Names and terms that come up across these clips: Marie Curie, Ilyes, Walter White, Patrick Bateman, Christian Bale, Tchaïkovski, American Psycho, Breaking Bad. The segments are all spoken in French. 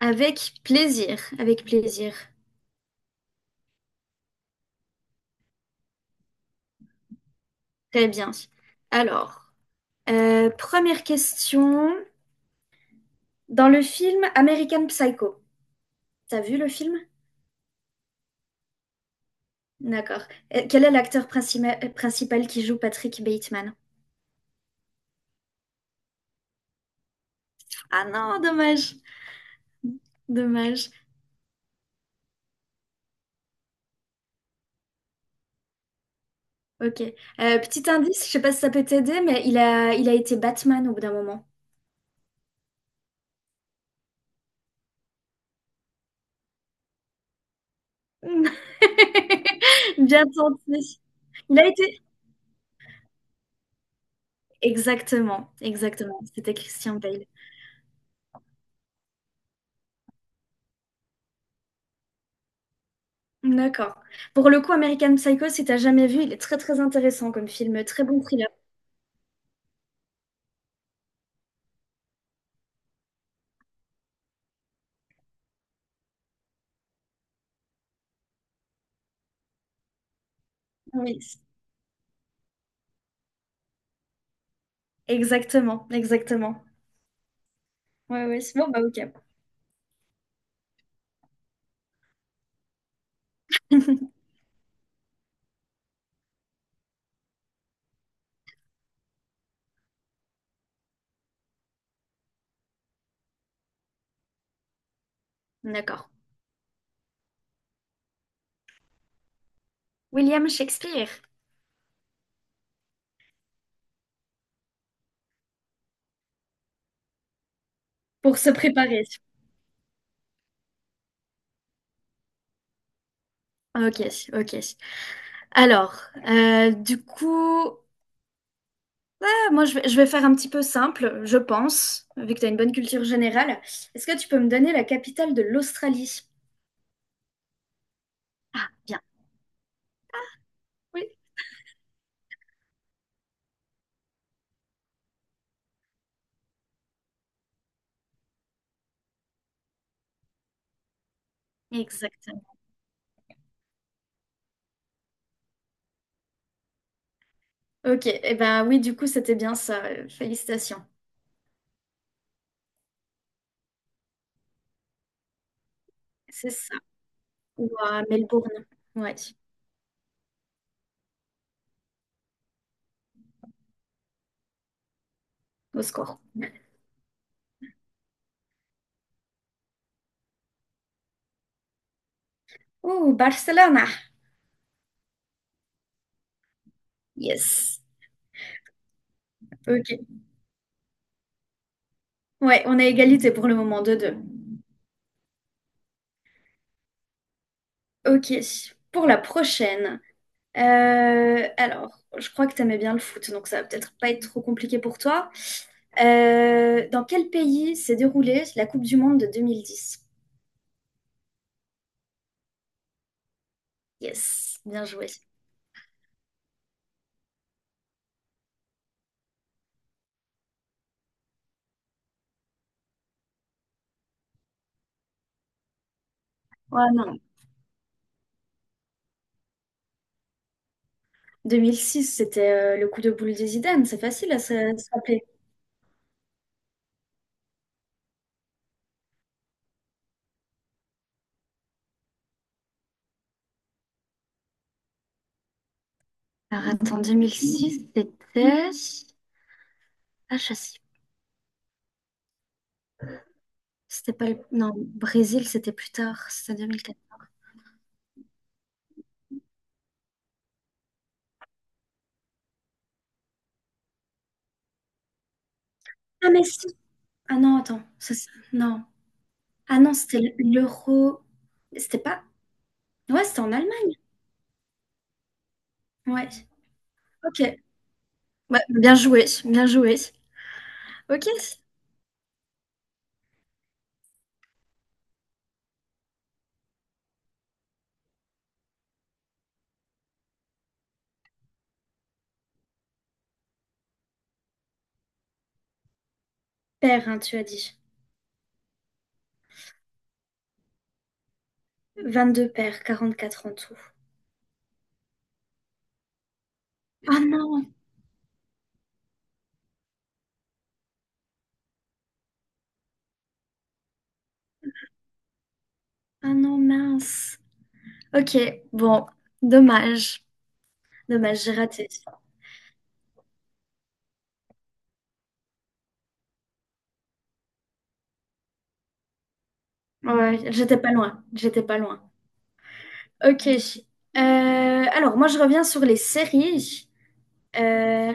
Avec plaisir, avec plaisir. Très bien. Alors, première question. Dans le film American Psycho, t'as vu le film? D'accord. Quel est l'acteur principal qui joue Patrick Bateman? Ah non, dommage. Dommage. Ok. Petit indice, je sais pas si ça peut t'aider, mais il a été Batman au bout d'un moment. Bien tenté. Il a été... Exactement, exactement. C'était Christian Bale. D'accord. Pour le coup, American Psycho, si t'as jamais vu, il est très très intéressant comme film, très bon thriller. Oui, exactement, exactement. Ouais, ouais, c'est bon, bah ok. D'accord. William Shakespeare, pour se préparer. Ok, ok. Alors, du coup, ah, je vais faire un petit peu simple, je pense, vu que tu as une bonne culture générale. Est-ce que tu peux me donner la capitale de l'Australie? Ah, bien. Oui, exactement. Ok, et ben oui, du coup, c'était bien ça. Euh, félicitations. C'est ça. وملبورن ouais au score oh Barcelona yes ok ouais on a égalité pour le moment deux deux. Ok pour la prochaine, alors je crois que t'aimais bien le foot donc ça va peut-être pas être trop compliqué pour toi. Dans quel pays s'est déroulée la Coupe du Monde de 2010? Yes, bien joué. Ouais, non. 2006, c'était le coup de boule de Zidane. C'est facile à se rappeler. Alors attends, 2006, c'était... Ah, je sais. C'était pas le... Non, Brésil, c'était plus tard. C'était 2004. Ah, mais si. Ah non, attends. Ça, c'est- non. Ah non, c'était l'euro. C'était pas... Ouais, c'était en Allemagne. Ouais. Ok. Ouais, bien joué. Bien joué. Ok. Paire, hein, tu as dit. 22 paires, 44 en tout. Ah non. Ah non, mince. Ok. Bon. Dommage. Dommage, j'ai raté. Ouais, j'étais pas loin. J'étais pas loin. Ok. Alors, moi, je reviens sur les séries. Euh,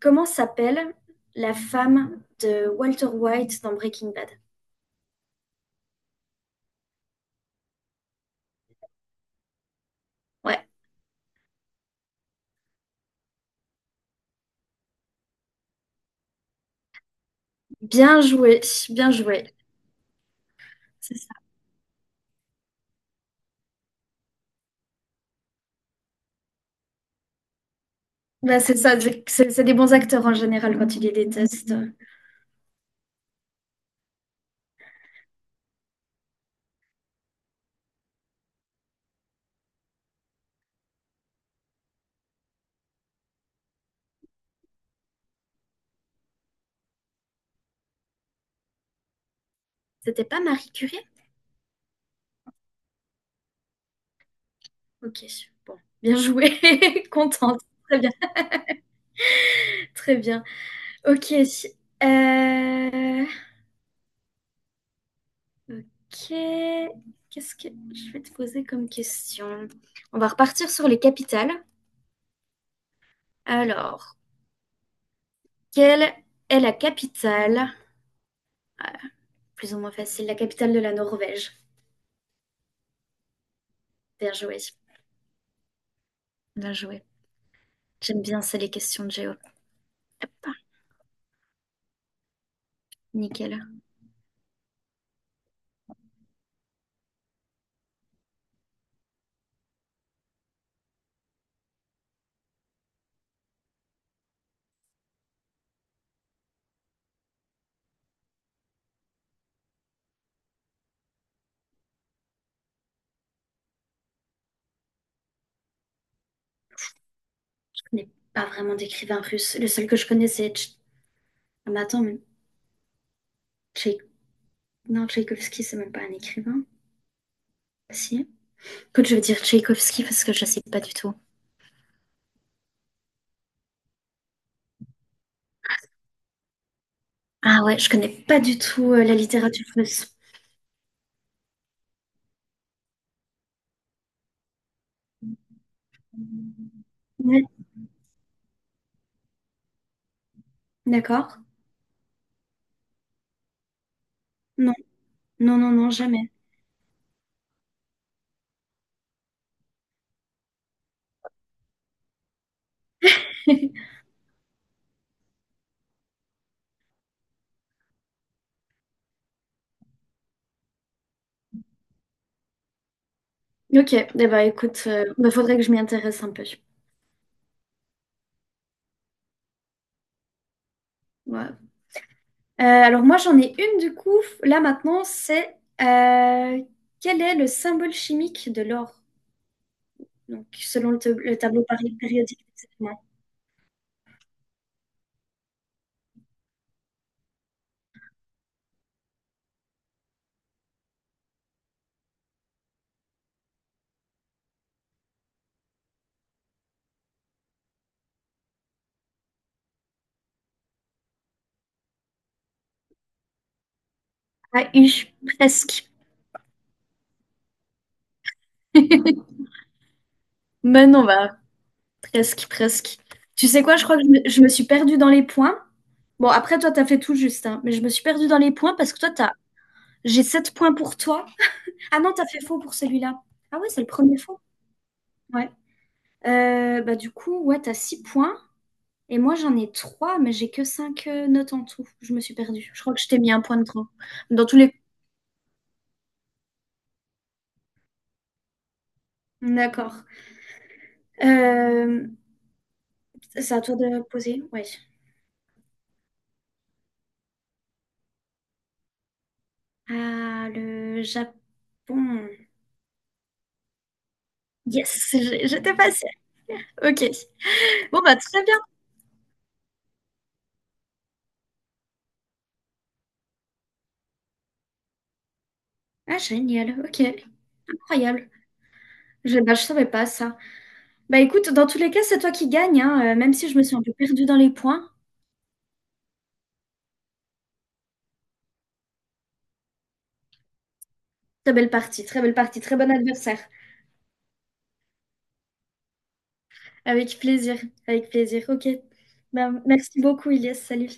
comment s'appelle la femme de Walter White dans Breaking Bad? Ouais, bien joué, bien joué. C'est ça. Bah, c'est ça, c'est des bons acteurs en général quand ils les détestent. C'était pas Marie Curie? Ok, bon, bien joué, contente. Très bien, très bien. Ok, euh, ok. Qu'est-ce que je vais te poser comme question? On va repartir sur les capitales. Alors, quelle est la capitale? Plus ou moins facile. La capitale de la Norvège. Bien joué. Bien joué. J'aime bien, c'est les questions de géo. Hop, nickel. Je connais pas vraiment d'écrivain russe. Le seul que je connais, c'est... Tch- Ah, mais attends, mais Tchaï- non, Tchaïkovski, c'est même pas un écrivain. Si. Écoute, je vais dire Tchaïkovski parce que je sais pas du tout. Ah ouais, je connais pas du tout la littérature russe. Ouais, d'accord. Non, non, non, non, jamais. Ok, eh ben, écoute, il faudrait que je m'y intéresse un peu. Ouais, alors moi j'en ai une du coup, là maintenant, c'est quel est le symbole chimique de l'or? Donc selon le tableau périodique des éléments. AU, presque. Mais non, bah, presque, presque. Tu sais quoi, je crois que je me suis perdue dans les points. Bon, après toi t'as fait tout juste, hein, mais je me suis perdue dans les points parce que toi t'as... J'ai 7 points pour toi. Ah non, t'as fait faux pour celui-là. Ah ouais, c'est le premier faux. Ouais. Bah du coup, ouais, t'as 6 points. Et moi, j'en ai 3, mais j'ai que 5 notes en tout. Je me suis perdue. Je crois que je t'ai mis un point de trop. Dans tous les... D'accord. Euh, c'est à toi de poser. Ouais. Ah, le Japon. Yes, j'ai- j'étais passée. Ok. Bon, bah, très bien. Ah, génial. Ok. Incroyable. Je, bah, je savais pas ça. Bah, écoute, dans tous les cas, c'est toi qui gagne, hein, même si je me suis un peu perdue dans les points. Très belle partie, très belle partie, très bon adversaire. Avec plaisir, avec plaisir. Ok. Bah, merci beaucoup, Ilyes. Salut.